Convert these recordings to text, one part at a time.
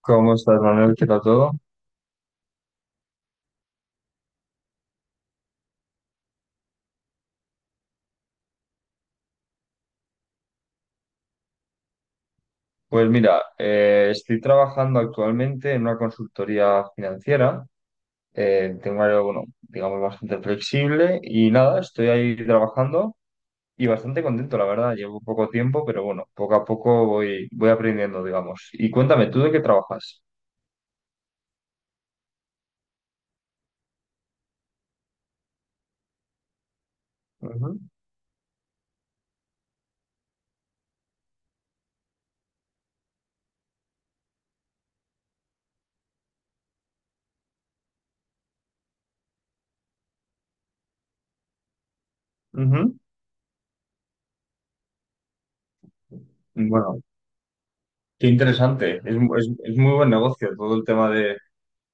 ¿Cómo estás, Manuel? ¿Qué tal todo? Pues mira, estoy trabajando actualmente en una consultoría financiera. Tengo un horario, bueno, digamos, bastante flexible y nada, estoy ahí trabajando y bastante contento, la verdad. Llevo poco tiempo, pero bueno, poco a poco voy aprendiendo, digamos. Y cuéntame, ¿tú de qué trabajas? Ujú, ujú. Bueno, qué interesante. Es, mu- es muy buen negocio todo el tema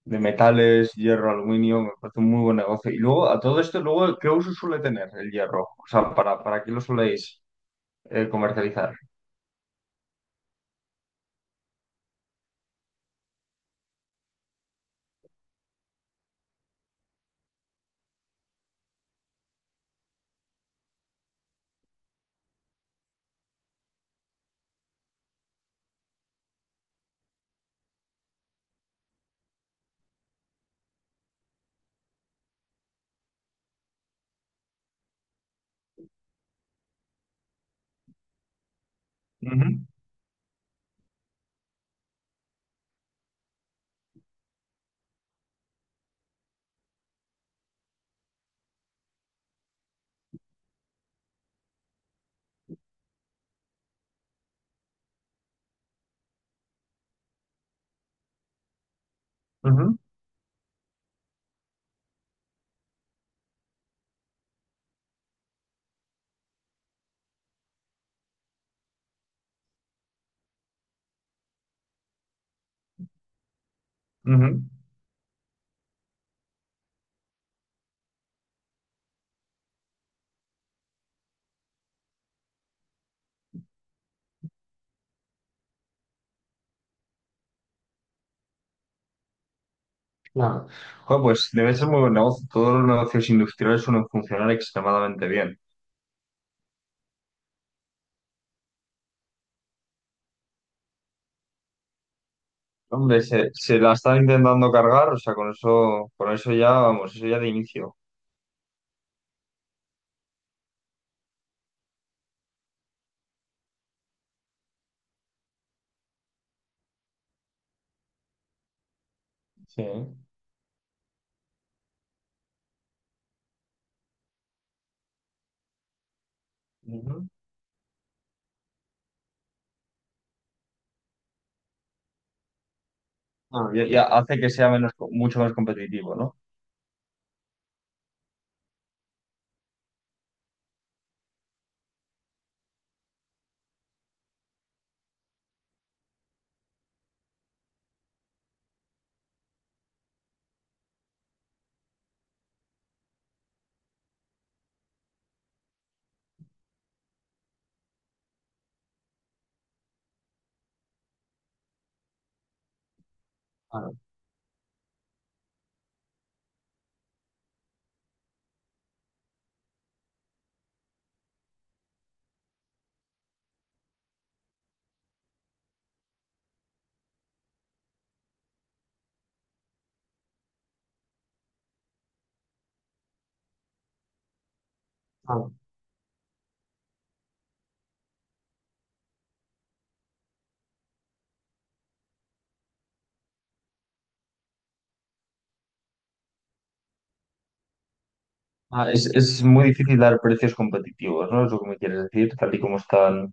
de metales, hierro, aluminio, me parece un muy buen negocio. Y luego, a todo esto, luego, ¿qué uso suele tener el hierro? O sea, ¿para qué lo soléis comercializar? Ujú, ujú, ujú. Claro. Joder, pues debe ser muy buen negocio. Todos los negocios industriales suelen funcionar extremadamente bien. Hombre, se la está intentando cargar, o sea, con eso ya, vamos, eso ya de inicio. Sí. Ujú. Ah, ya, ya hace que sea menos, mucho más competitivo, ¿no? Claro. Claro. Ah, es muy difícil dar precios competitivos, ¿no? Es lo que me quieres decir, tal y como están.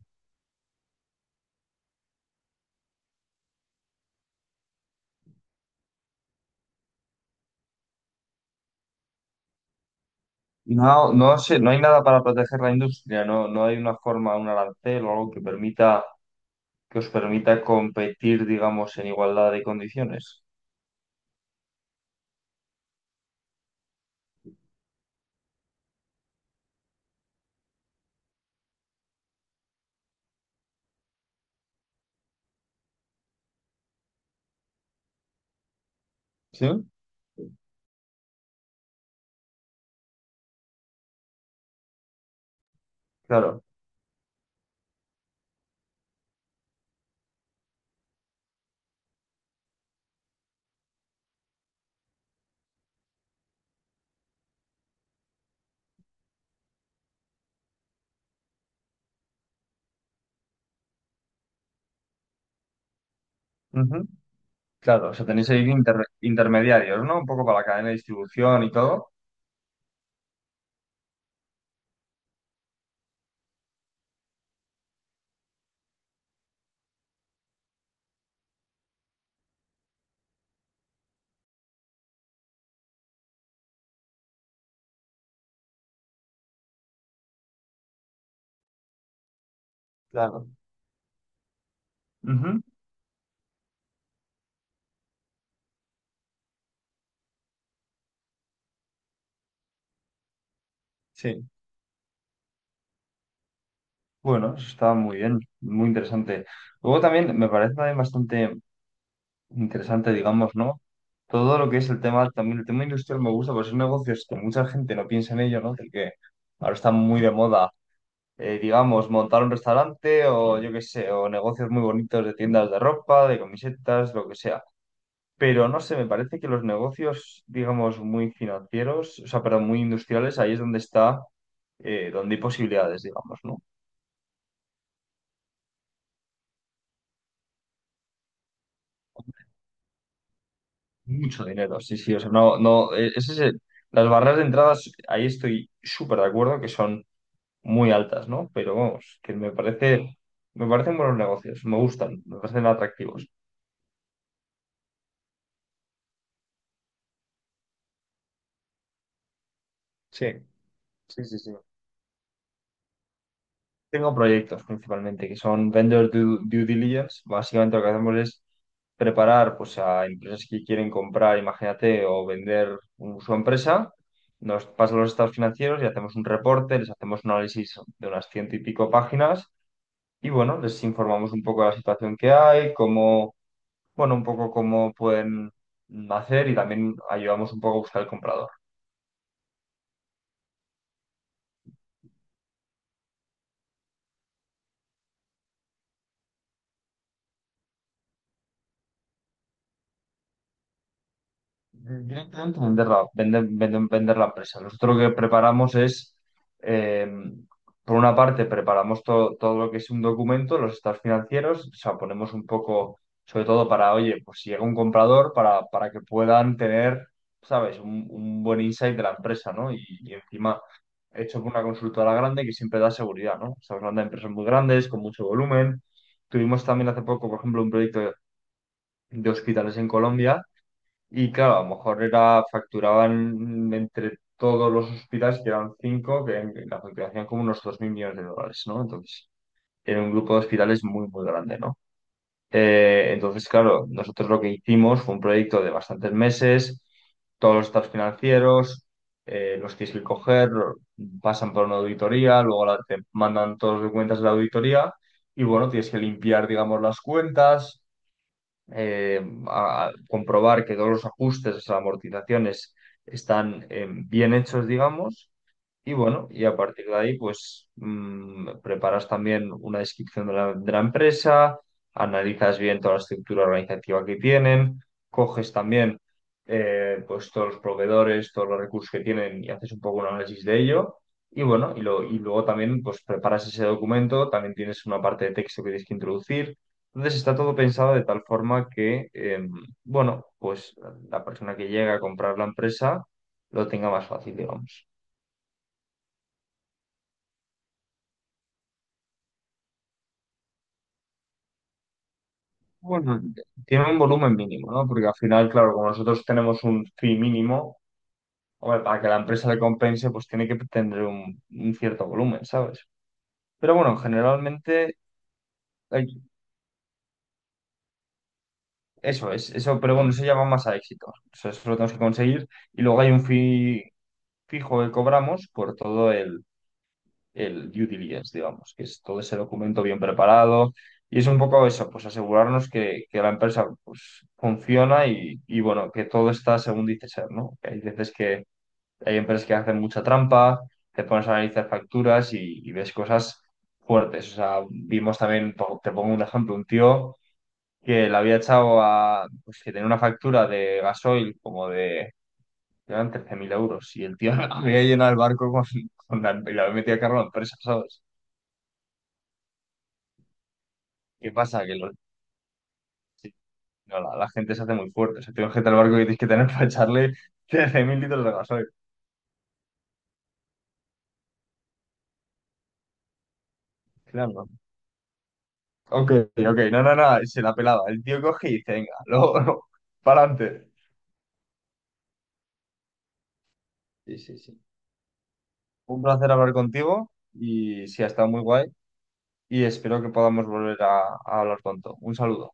No, no sé, no hay nada para proteger la industria, no, no hay una forma, un arancel o algo que permita, que os permita competir, digamos, en igualdad de condiciones. ¿Sí? Claro. Ujú. Claro, o sea, tenéis ahí intermediarios, ¿no? Un poco para la cadena de distribución y todo. Claro. Ujú. Sí. Bueno, eso está muy bien, muy interesante. Luego también me parece también bastante interesante, digamos, ¿no? Todo lo que es el tema, también el tema industrial me gusta, porque son negocios que mucha gente no piensa en ello, ¿no? Del que ahora está muy de moda, digamos, montar un restaurante o yo qué sé, o negocios muy bonitos de tiendas de ropa, de camisetas, lo que sea. Pero no sé, me parece que los negocios, digamos, muy financieros, o sea, pero muy industriales, ahí es donde está, donde hay posibilidades, digamos, ¿no? Mucho dinero, sí, sí, o sea, no, no, ese es las barreras de entradas, ahí estoy súper de acuerdo que son muy altas, ¿no? Pero vamos, que me parece, me parecen buenos negocios, me gustan, me parecen atractivos. Sí, sí, sí, sí. Tengo proyectos principalmente que son due diligence. Básicamente lo que hacemos es preparar pues, a empresas que quieren comprar, imagínate, o vender su empresa. Nos pasan los estados financieros y hacemos un reporte, les hacemos un análisis de unas ciento y pico páginas y bueno, les informamos un poco de la situación que hay, cómo bueno, un poco cómo pueden hacer y también ayudamos un poco a buscar el comprador. Directamente vender la, vender la empresa. Nosotros lo que preparamos es, eh, por una parte, preparamos todo lo que es un documento, los estados financieros, o sea, ponemos un poco, sobre todo para, oye, pues si llega un comprador, para que puedan tener, ¿sabes?, un buen insight de la empresa, ¿no? Y encima, hecho por una consultora grande que siempre da seguridad, ¿no? Estamos hablando de empresas muy grandes, con mucho volumen. Tuvimos también hace poco, por ejemplo, un proyecto de hospitales en Colombia y claro, a lo mejor era, facturaban entre todos los hospitales, que eran cinco, que en la facturación como unos 2.000 millones de dólares, ¿no? Entonces, era un grupo de hospitales muy, muy grande, ¿no? Entonces, claro, nosotros lo que hicimos fue un proyecto de bastantes meses, todos los estados financieros, los tienes que coger, pasan por una auditoría, luego te mandan todos los documentos de la auditoría y bueno, tienes que limpiar, digamos, las cuentas eh, a comprobar que todos los ajustes, las amortizaciones están bien hechos, digamos y bueno, y a partir de ahí, pues preparas también una descripción de la empresa, analizas bien toda la estructura organizativa que tienen, coges también pues todos los proveedores, todos los recursos que tienen y haces un poco un análisis de ello. Y bueno, y luego también pues preparas ese documento, también tienes una parte de texto que tienes que introducir. Entonces está todo pensado de tal forma que, bueno, pues la persona que llega a comprar la empresa lo tenga más fácil, digamos. Bueno, tiene un volumen mínimo, ¿no? Porque al final, claro, como nosotros tenemos un fee mínimo, hombre, para que la empresa le compense, pues tiene que tener un cierto volumen, ¿sabes? Pero bueno, generalmente hay- eso es, eso, pero bueno, eso ya va más a éxito. O sea, eso lo tenemos que conseguir. Y luego hay un fee fijo que cobramos por todo el due diligence, digamos, que es todo ese documento bien preparado. Y es un poco eso, pues asegurarnos que la empresa pues, funciona y, bueno, que todo está según dice ser, ¿no? Que hay veces que hay empresas que hacen mucha trampa, te pones a analizar facturas y ves cosas fuertes. O sea, vimos también, te pongo un ejemplo, un tío que le había echado a, pues que tenía una factura de gasoil como de, eran 13.000 euros y el tío había llenado el barco con la, y le había metido a cargo a la empresa, ¿sabes? ¿Qué pasa? Que no, la gente se hace muy fuerte. O sea, tienes gente al barco que tienes que tener para echarle 13.000 litros de gasoil. Claro, no. Ok, ok, no, no, no, se la pelaba. El tío coge y dice, venga, luego, para adelante. Sí, sí, sí. Un placer hablar contigo y sí, ha estado muy guay y espero que podamos volver a hablar pronto. Un saludo.